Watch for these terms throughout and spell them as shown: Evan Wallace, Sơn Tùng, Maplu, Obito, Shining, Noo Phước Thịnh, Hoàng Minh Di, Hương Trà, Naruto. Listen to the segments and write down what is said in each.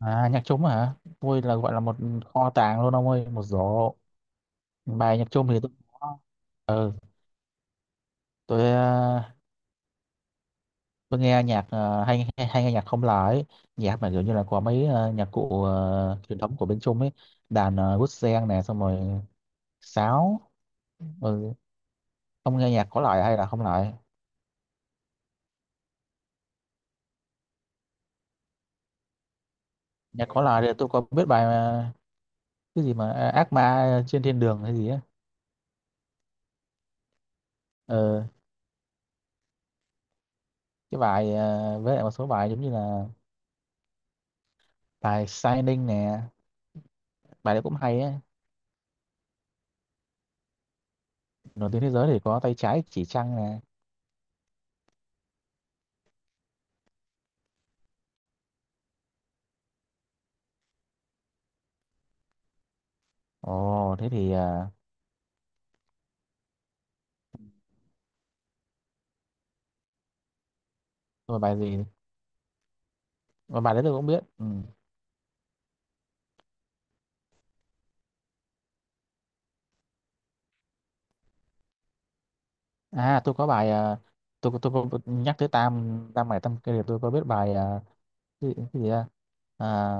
À nhạc trống hả? Tôi là gọi là một kho tàng luôn, ông ơi, một rổ. Bài nhạc trống thì tôi có. Ừ, tôi ờ, tôi nghe nhạc, ờ, hay, hay hay nghe nhạc không lời, nhạc mà kiểu như là có mấy nhạc cụ truyền thống của bên Trung ấy, đàn guitar sen này, xong rồi sáo. Ừ, ông nghe nhạc có lời hay là không lời? Nhạc có lời thì tôi có biết bài mà, cái gì mà ác ma trên thiên đường hay gì á. Ừ, cái bài với lại một số bài giống như là bài Shining nè, bài đấy cũng hay á. Nổi tiếng thế giới thì có tay trái chỉ trăng nè. Ồ thế thì à, tôi bài gì mà bài đấy tôi cũng biết, ừ. À tôi có bài à, tôi có nhắc tới tam tam hải tam kia thì tôi có biết bài à, cái gì ra, à,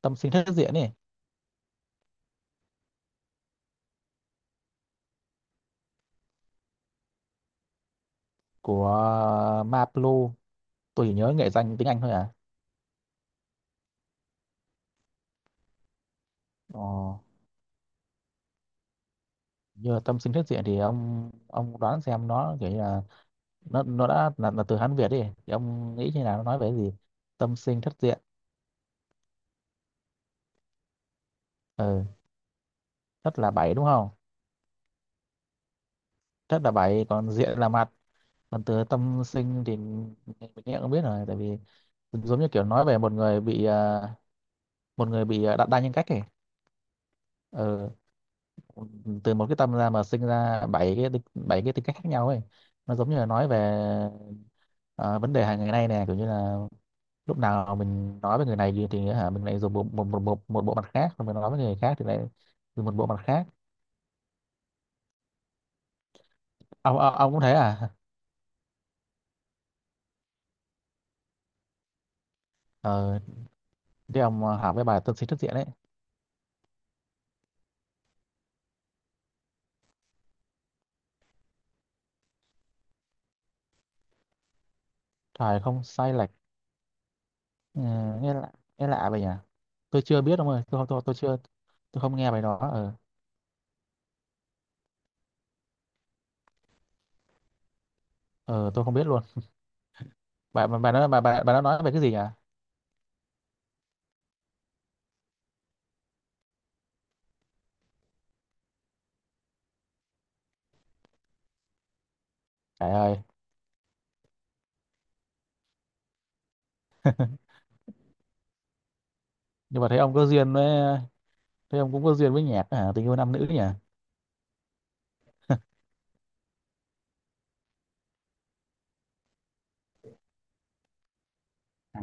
tâm sinh thất diện ấy của Maplu. Tôi chỉ nhớ nghệ danh tiếng Anh thôi à. Ồ như là tâm sinh thất diện thì ông đoán xem nó kiểu như là nó đã là từ Hán Việt đi, thì ông nghĩ như nào, nó nói về cái gì. Tâm sinh thất diện, ừ. Thất là bảy đúng không? Thất là bảy, còn diện là mặt, còn từ tâm sinh thì mình nghe cũng biết rồi, tại vì giống như kiểu nói về một người bị đa nhân cách ấy. ờ, Từ một cái tâm ra mà sinh ra bảy cái tính cách khác nhau ấy. Nó giống như là nói về ờ, vấn đề hàng ngày nay nè, kiểu như là lúc nào mình nói với người này gì thì hả mình lại dùng một bộ mặt khác, rồi mình nói với người khác thì lại dùng một bộ mặt khác. Ông cũng thế à? ờ, Thế ông à, học với bài tâm sinh thức diện ấy. Trời, không sai lệch. Ừ, nghe lạ nghe lạ vậy nhỉ. Tôi chưa biết ông ơi, tôi chưa. Tôi không nghe bài đó, ờ tôi không biết luôn. Bà nó nói về cái gì nhỉ? Trời ơi. Nhưng mà thấy ông có duyên với Thấy ông cũng có duyên với nhạc, à, tình yêu nam nữ nhỉ? À,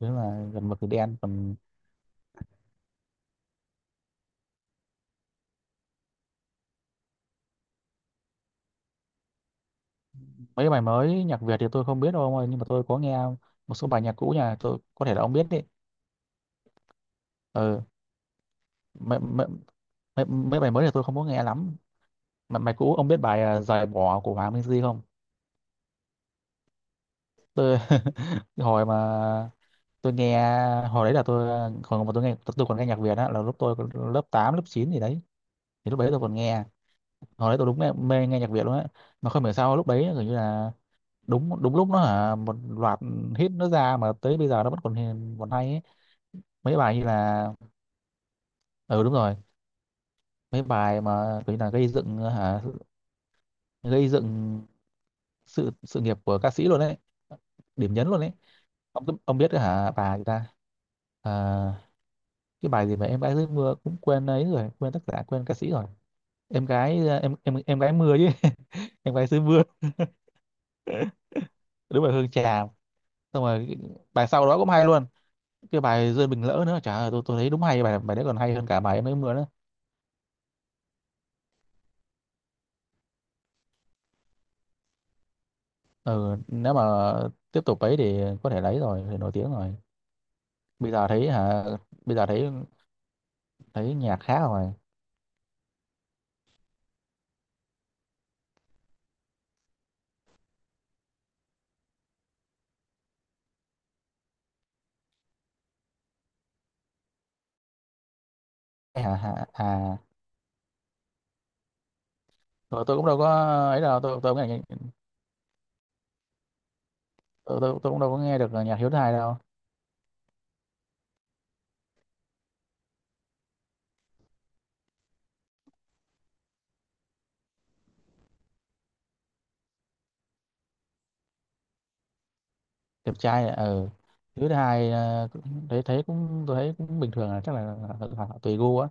thế là gần mực thì đen, còn mấy bài mới nhạc Việt thì tôi không biết đâu ông ơi, nhưng mà tôi có nghe một số bài nhạc cũ nhà tôi, có thể là ông biết đấy. ờ mấy, mấy, Mấy bài mới thì tôi không có nghe lắm. Mà bài cũ ông biết bài à, giày bỏ của Hoàng Minh Di không? Tôi cái hồi mà tôi nghe, hồi đấy là tôi còn, mà tôi nghe, tôi còn nghe nhạc Việt á là lúc tôi còn lớp 8 lớp 9 gì đấy. Thì lúc đấy tôi còn nghe. Hồi đấy tôi đúng mê nghe nhạc Việt luôn á. Mà không hiểu sao lúc đấy gần như là đúng đúng lúc nó hả một loạt hit nó ra, mà tới bây giờ nó vẫn còn hay ấy. Mấy bài như là, ừ đúng rồi, mấy bài mà kiểu như là gây dựng sự sự nghiệp của ca sĩ luôn đấy. Điểm nhấn luôn đấy. Ông biết hả bà người ta. Ờ, cái bài gì mà em gái dưới mưa cũng quên ấy rồi, quên tác giả, quên ca sĩ rồi. Em gái à, em gái mưa chứ. em gái dưới mưa. Đúng là Hương Trà. Xong rồi bài sau đó cũng hay luôn. Cái bài rơi bình lỡ nữa chả ơi, tôi thấy đúng hay, bài bài đấy còn hay hơn cả bài em gái mưa nữa. Ừ, nếu mà tiếp tục ấy thì có thể lấy rồi thì nổi tiếng rồi. bây giờ thấy hả Bây giờ thấy thấy nhạc khác rồi. Hả hả à, rồi tôi cũng đâu có ấy đâu, tôi cũng tôi cũng đâu có nghe được nhạc Hiếu thứ hai đâu. Đẹp trai ở, ừ. Thứ hai thấy thấy cũng, tôi thấy cũng bình thường, là chắc là tùy gu á.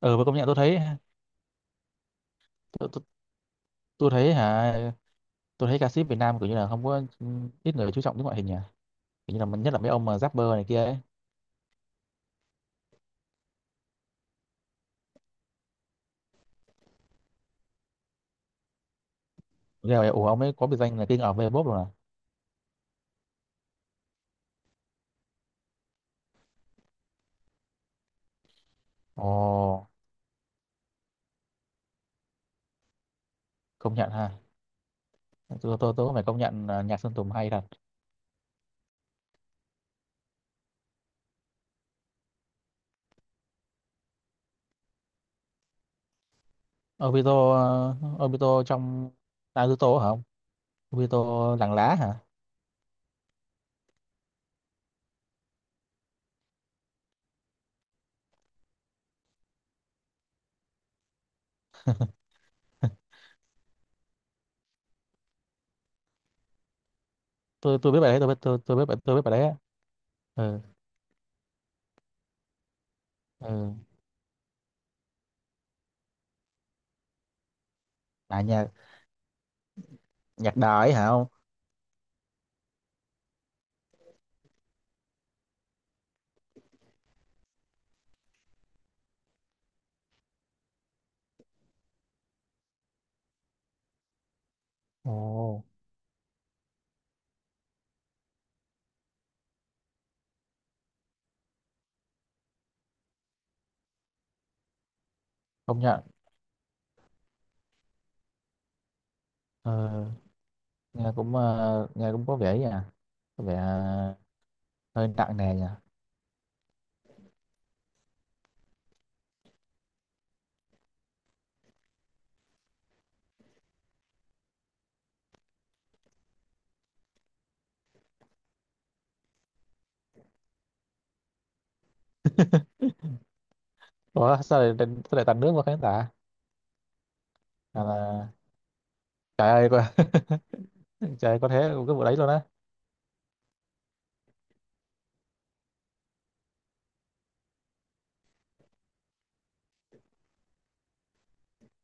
Ừ và công nhận tôi thấy. tôi, tôi, tôi thấy hả Tôi thấy ca sĩ Việt Nam kiểu như là không có, ít người chú trọng đến ngoại hình nhỉ. Kiểu như là nhất là mấy ông mà rapper này kia ấy. Rồi ủa, ông ấy có biệt danh là King of Vbop rồi à? Ồ công nhận ha. Tôi cũng phải công nhận là nhạc Sơn Tùng hay thật. Obito, Obito trong Naruto hả, không? Obito làng lá hả? Tôi biết bài đấy, tôi biết, tôi tôi biết bài đấy á. Ừ ừ à. Nhà nhạc đời hả, không? Ồ, không nhận. ờ, Nghe cũng, nghe cũng có vẻ nha, có vẻ hơi nặng nề nha. Ủa sao lại tạt nước vào khán giả? À, là, trời ơi có- trời ơi, có thế cái vụ đấy luôn á.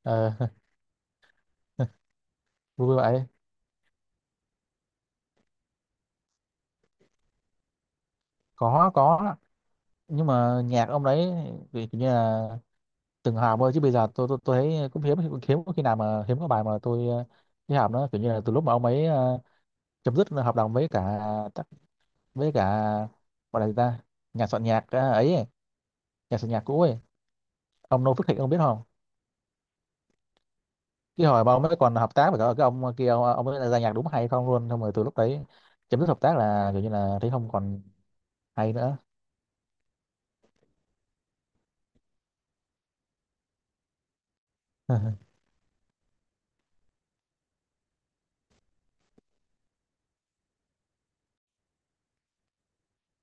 ờ, vui vui vậy. Có, nhưng mà nhạc ông đấy thì kiểu như là từng hòm thôi, chứ bây giờ tôi thấy cũng hiếm, hiếm có khi nào mà hiếm có bài mà tôi thấy hòm đó kiểu như là từ lúc mà ông ấy chấm dứt hợp đồng với cả với cả gọi là gì ta, nhà soạn nhạc à, ấy, nhà soạn nhạc cũ ấy. Ông Noo Phước Thịnh ông biết không? Cái hồi mà ông mới còn hợp tác với cả cái ông kia, ông ấy ra nhạc đúng hay không luôn, xong rồi từ lúc đấy chấm dứt hợp tác là kiểu như là thấy không còn hay nữa.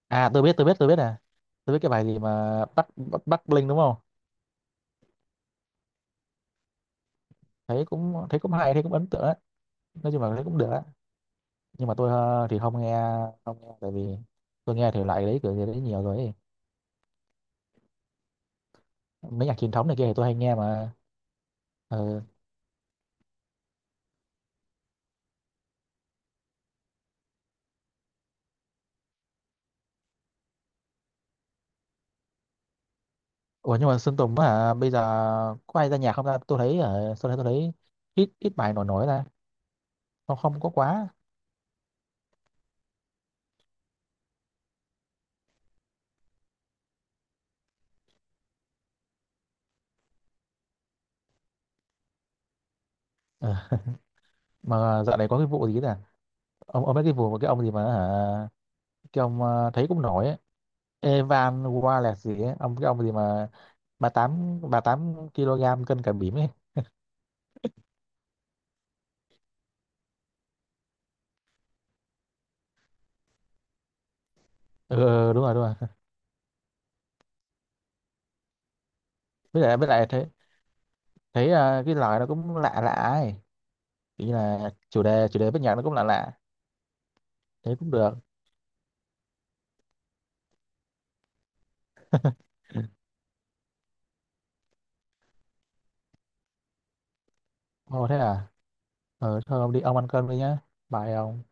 À tôi biết, tôi biết, tôi biết à. Tôi biết cái bài gì mà Bắc Bắc, Bắc Bling đúng không? Thấy cũng hay, thấy cũng ấn tượng á. Nói chung là thấy cũng được á. Nhưng mà tôi thì không nghe, tại vì tôi nghe thể loại đấy kiểu gì đấy nhiều rồi ấy. Mấy nhạc truyền thống này kia thì tôi hay nghe mà. Ờ, ủa nhưng mà Sơn Tùng hả, bây giờ có ai ra nhạc không ta, tôi thấy ở sau này tôi thấy ít ít bài nổi nổi ra. Không, không có quá. Ờ, mà dạo này có cái vụ gì nè. Ông mấy cái vụ mà cái ông gì mà hả, cái ông thấy cũng nổi ấy. Evan Wallace gì ấy ông, cái ông gì mà 38 38 kg cân cả bỉm ấy. Ừ, ừ, ừ, đúng rồi đúng rồi. Với lại thấy, cái lời nó cũng lạ lạ ấy, kiểu như là chủ đề với nhạc nó cũng lạ lạ. Thế cũng được. Ồ thế à. Thôi ông đi, ông ăn cơm đi nhá. Bye ông.